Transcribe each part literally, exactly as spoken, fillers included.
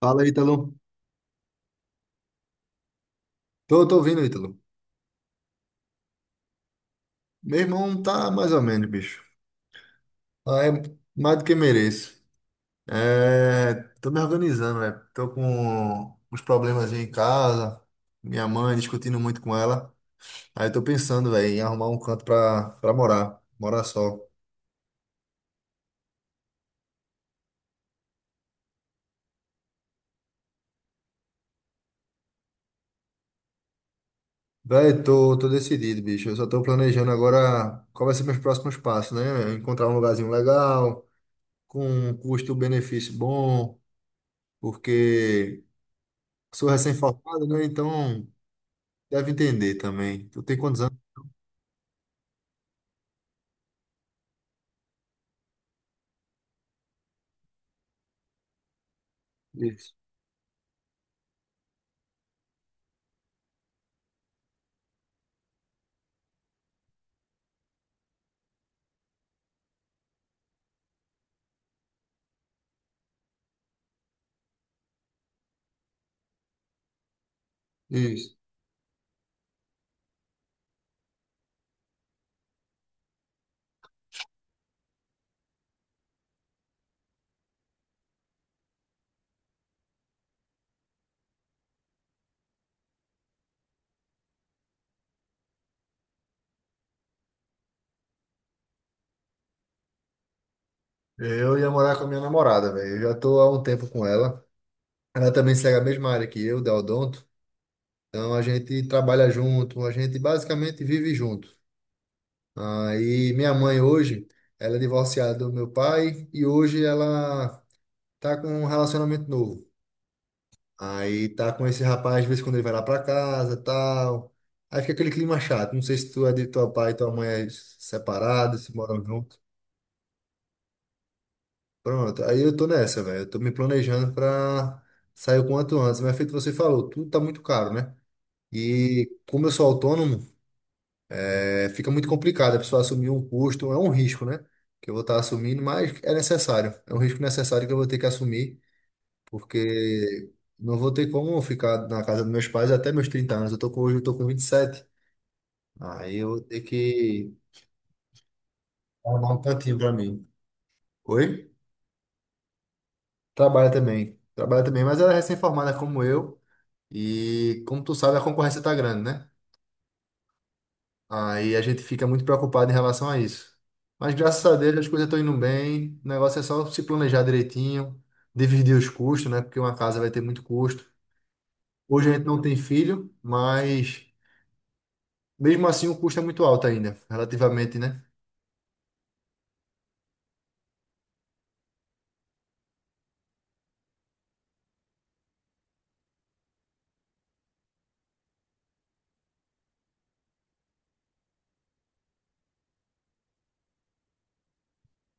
Fala, Ítalo. Tô, tô ouvindo, Ítalo. Meu irmão tá mais ou menos, bicho. Ah, É mais do que mereço. É, tô me organizando, né? Tô com uns problemas em casa. Minha mãe discutindo muito com ela. Aí tô pensando, velho, em arrumar um canto pra, pra morar. Morar só. Velho, tô, tô decidido, bicho. Eu só tô planejando agora qual vai ser meus próximos passos, né? Encontrar um lugarzinho legal, com um custo-benefício bom, porque sou recém-formado, né? Então. Deve entender também. Tu tem quantos anos? Isso, isso. Eu ia morar com a minha namorada, velho. Eu já tô há um tempo com ela. Ela também segue a mesma área que eu, da Odonto. Então a gente trabalha junto, a gente basicamente vive junto. Aí minha mãe hoje, ela é divorciada do meu pai e hoje ela tá com um relacionamento novo. Aí tá com esse rapaz, de vez em quando ele vai lá pra casa, tal. Aí fica aquele clima chato. Não sei se tu é de teu pai e tua mãe é separados, se moram juntos. Pronto, aí eu tô nessa, velho. Eu tô me planejando pra sair o quanto antes. Mas é feito você falou, tudo tá muito caro, né? E como eu sou autônomo, é, fica muito complicado a pessoa assumir um custo, é um risco, né? Que eu vou estar assumindo, mas é necessário. É um risco necessário que eu vou ter que assumir, porque não vou ter como ficar na casa dos meus pais até meus trinta anos. Eu tô com, hoje eu tô com vinte e sete. Aí eu vou ter que arrumar um cantinho pra mim. Oi? Trabalha também. Trabalha também, mas ela é recém-formada como eu. E como tu sabe, a concorrência tá grande, né? Aí a gente fica muito preocupado em relação a isso. Mas graças a Deus as coisas estão indo bem. O negócio é só se planejar direitinho, dividir os custos, né? Porque uma casa vai ter muito custo. Hoje a gente não tem filho, mas mesmo assim o custo é muito alto ainda, relativamente, né?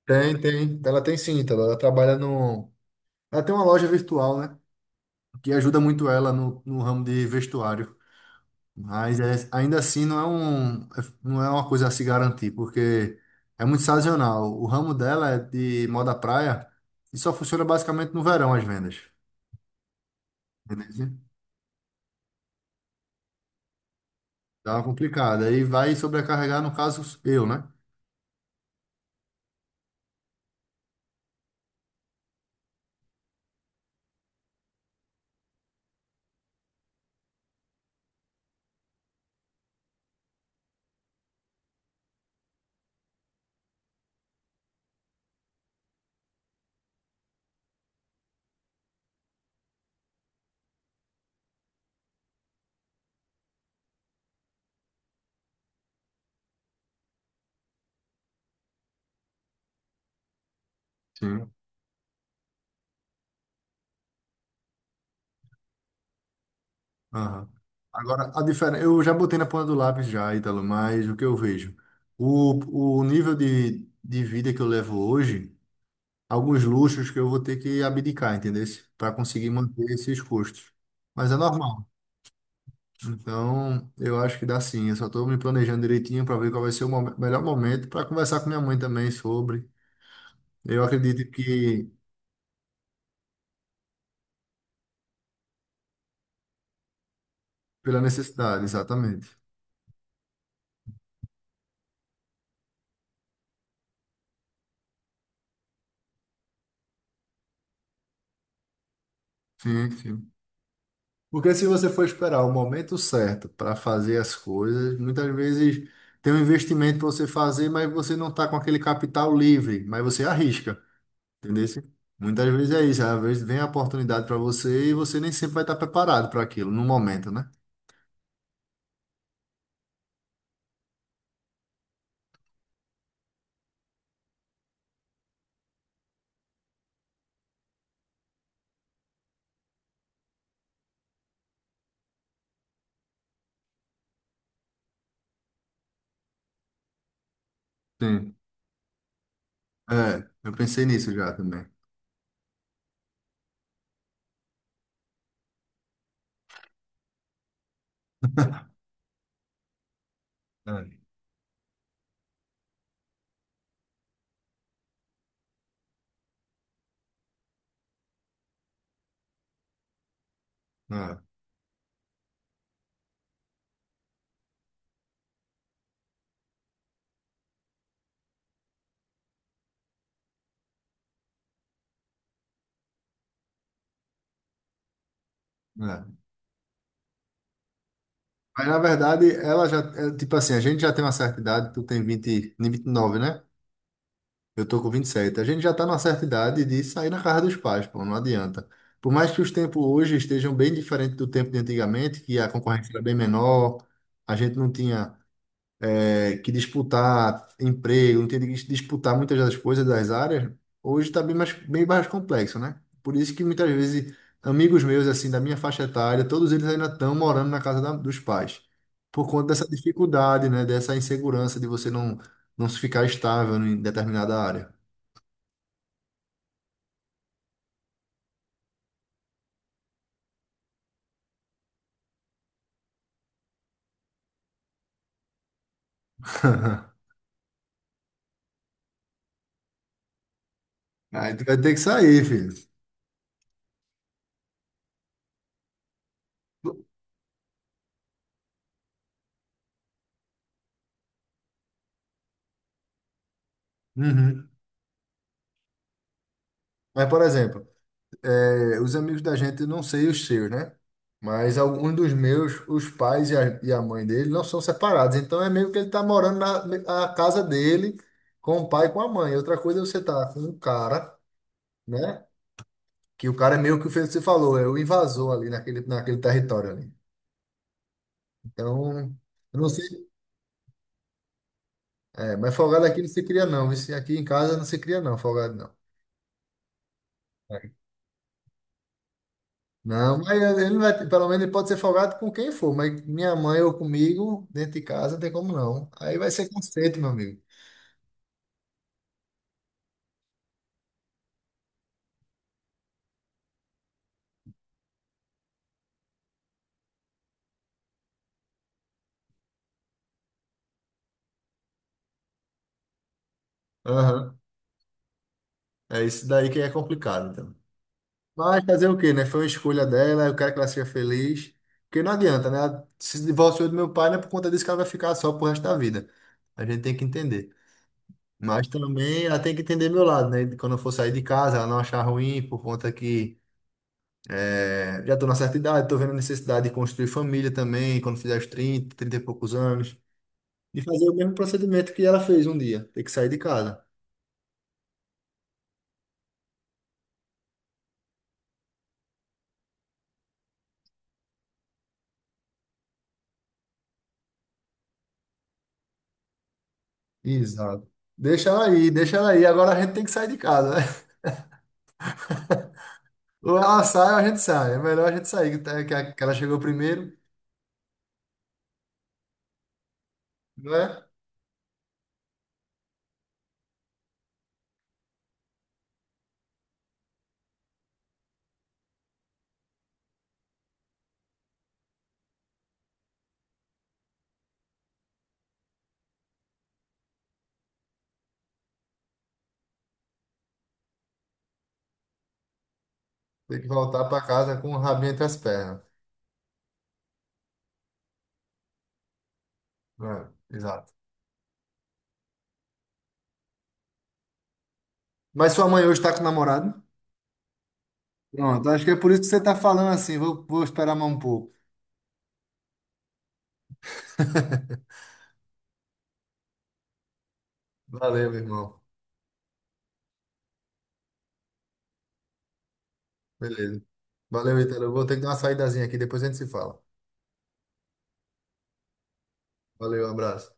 Tem, tem. Ela tem sim, Ítalo. Ela trabalha no. Ela tem uma loja virtual, né? Que ajuda muito ela no, no ramo de vestuário. Mas é- ainda assim não é um, não é uma coisa a se garantir, porque é muito sazonal. O ramo dela é de moda praia e só funciona basicamente no verão as vendas. Beleza? Tá complicado. Aí vai sobrecarregar, no caso, eu, né? Sim. Aham. Agora, a diferença, eu já botei na ponta do lápis já, Ítalo, mas o que eu vejo? O, o nível de, de vida que eu levo hoje, alguns luxos que eu vou ter que abdicar, entendeu? Para conseguir manter esses custos. Mas é normal. Então, eu acho que dá sim. Eu só estou me planejando direitinho para ver qual vai ser o mom- melhor momento para conversar com minha mãe também sobre. Eu acredito que pela necessidade, exatamente. Sim, sim. Porque se você for esperar o momento certo para fazer as coisas, muitas vezes tem um investimento para você fazer, mas você não está com aquele capital livre, mas você arrisca, entendeu? Muitas vezes é isso. Às vezes vem a oportunidade para você e você nem sempre vai estar preparado para aquilo no momento, né? Sim. É, eu pensei nisso já também. É, é, é. Mas na verdade, ela já, é, tipo assim, a gente já tem uma certa idade, tu tem vinte, nem vinte e nove, né? Eu tô com vinte e sete. A gente já tá numa certa idade de sair na casa dos pais, pô, não adianta. Por mais que os tempos hoje estejam bem diferentes do tempo de antigamente, que a concorrência era bem menor, a gente não tinha é, que disputar emprego, não tem que disputar muitas das coisas das áreas, hoje está bem mais, bem mais complexo, né? Por isso que muitas vezes amigos meus, assim, da minha faixa etária, todos eles ainda estão morando na casa da- dos pais, por conta dessa dificuldade, né? Dessa insegurança de você não, não se ficar estável em determinada área. Aí tu vai ter que sair, filho. Uhum. Mas, por exemplo, É, os amigos da gente, não sei os seus, né? Mas alguns dos meus, os pais e a, e a mãe dele não são separados. Então é meio que ele tá morando na, na casa dele com o pai e com a mãe. Outra coisa é você tá com um cara, né? Que o cara é meio que o que você falou, é o invasor ali naquele, naquele território ali. Então, eu não sei. É, mas folgado aqui não se cria, não. Isso aqui em casa não se cria, não, folgado não. Não, mas ele vai, pelo menos ele pode ser folgado com quem for, mas minha mãe ou comigo, dentro de casa, não tem como não. Aí vai ser conceito, meu amigo. Aham. É isso daí que é complicado, então. Mas fazer o quê, né? Foi uma escolha dela, eu quero que ela seja feliz. Porque não adianta, né? Ela Se divorciou do meu pai, não é por conta disso que ela vai ficar só pro resto da vida. A gente tem que entender. Mas também ela tem que entender meu lado, né? Quando eu for sair de casa, ela não achar ruim por conta que É, já estou na certa idade, estou vendo a necessidade de construir família também, quando fizer os trinta trinta e poucos anos, de fazer o mesmo procedimento que ela fez um dia, ter que sair de casa. Exato. Deixa ela aí, deixa ela aí, agora a gente tem que sair de casa, né? Ou ela sai ou a gente sai, é melhor a gente sair, que tá- que a- que ela chegou primeiro, não é? Tem que voltar para casa com o rabinho entre as pernas. É, exato. Mas sua mãe hoje está com o namorado? Pronto, acho que é por isso que você está falando assim, vou, vou esperar mais um pouco. Valeu, meu irmão. Beleza. Valeu, Ítalo. Eu vou ter que dar uma saídazinha aqui, depois a gente se fala. Valeu, um abraço.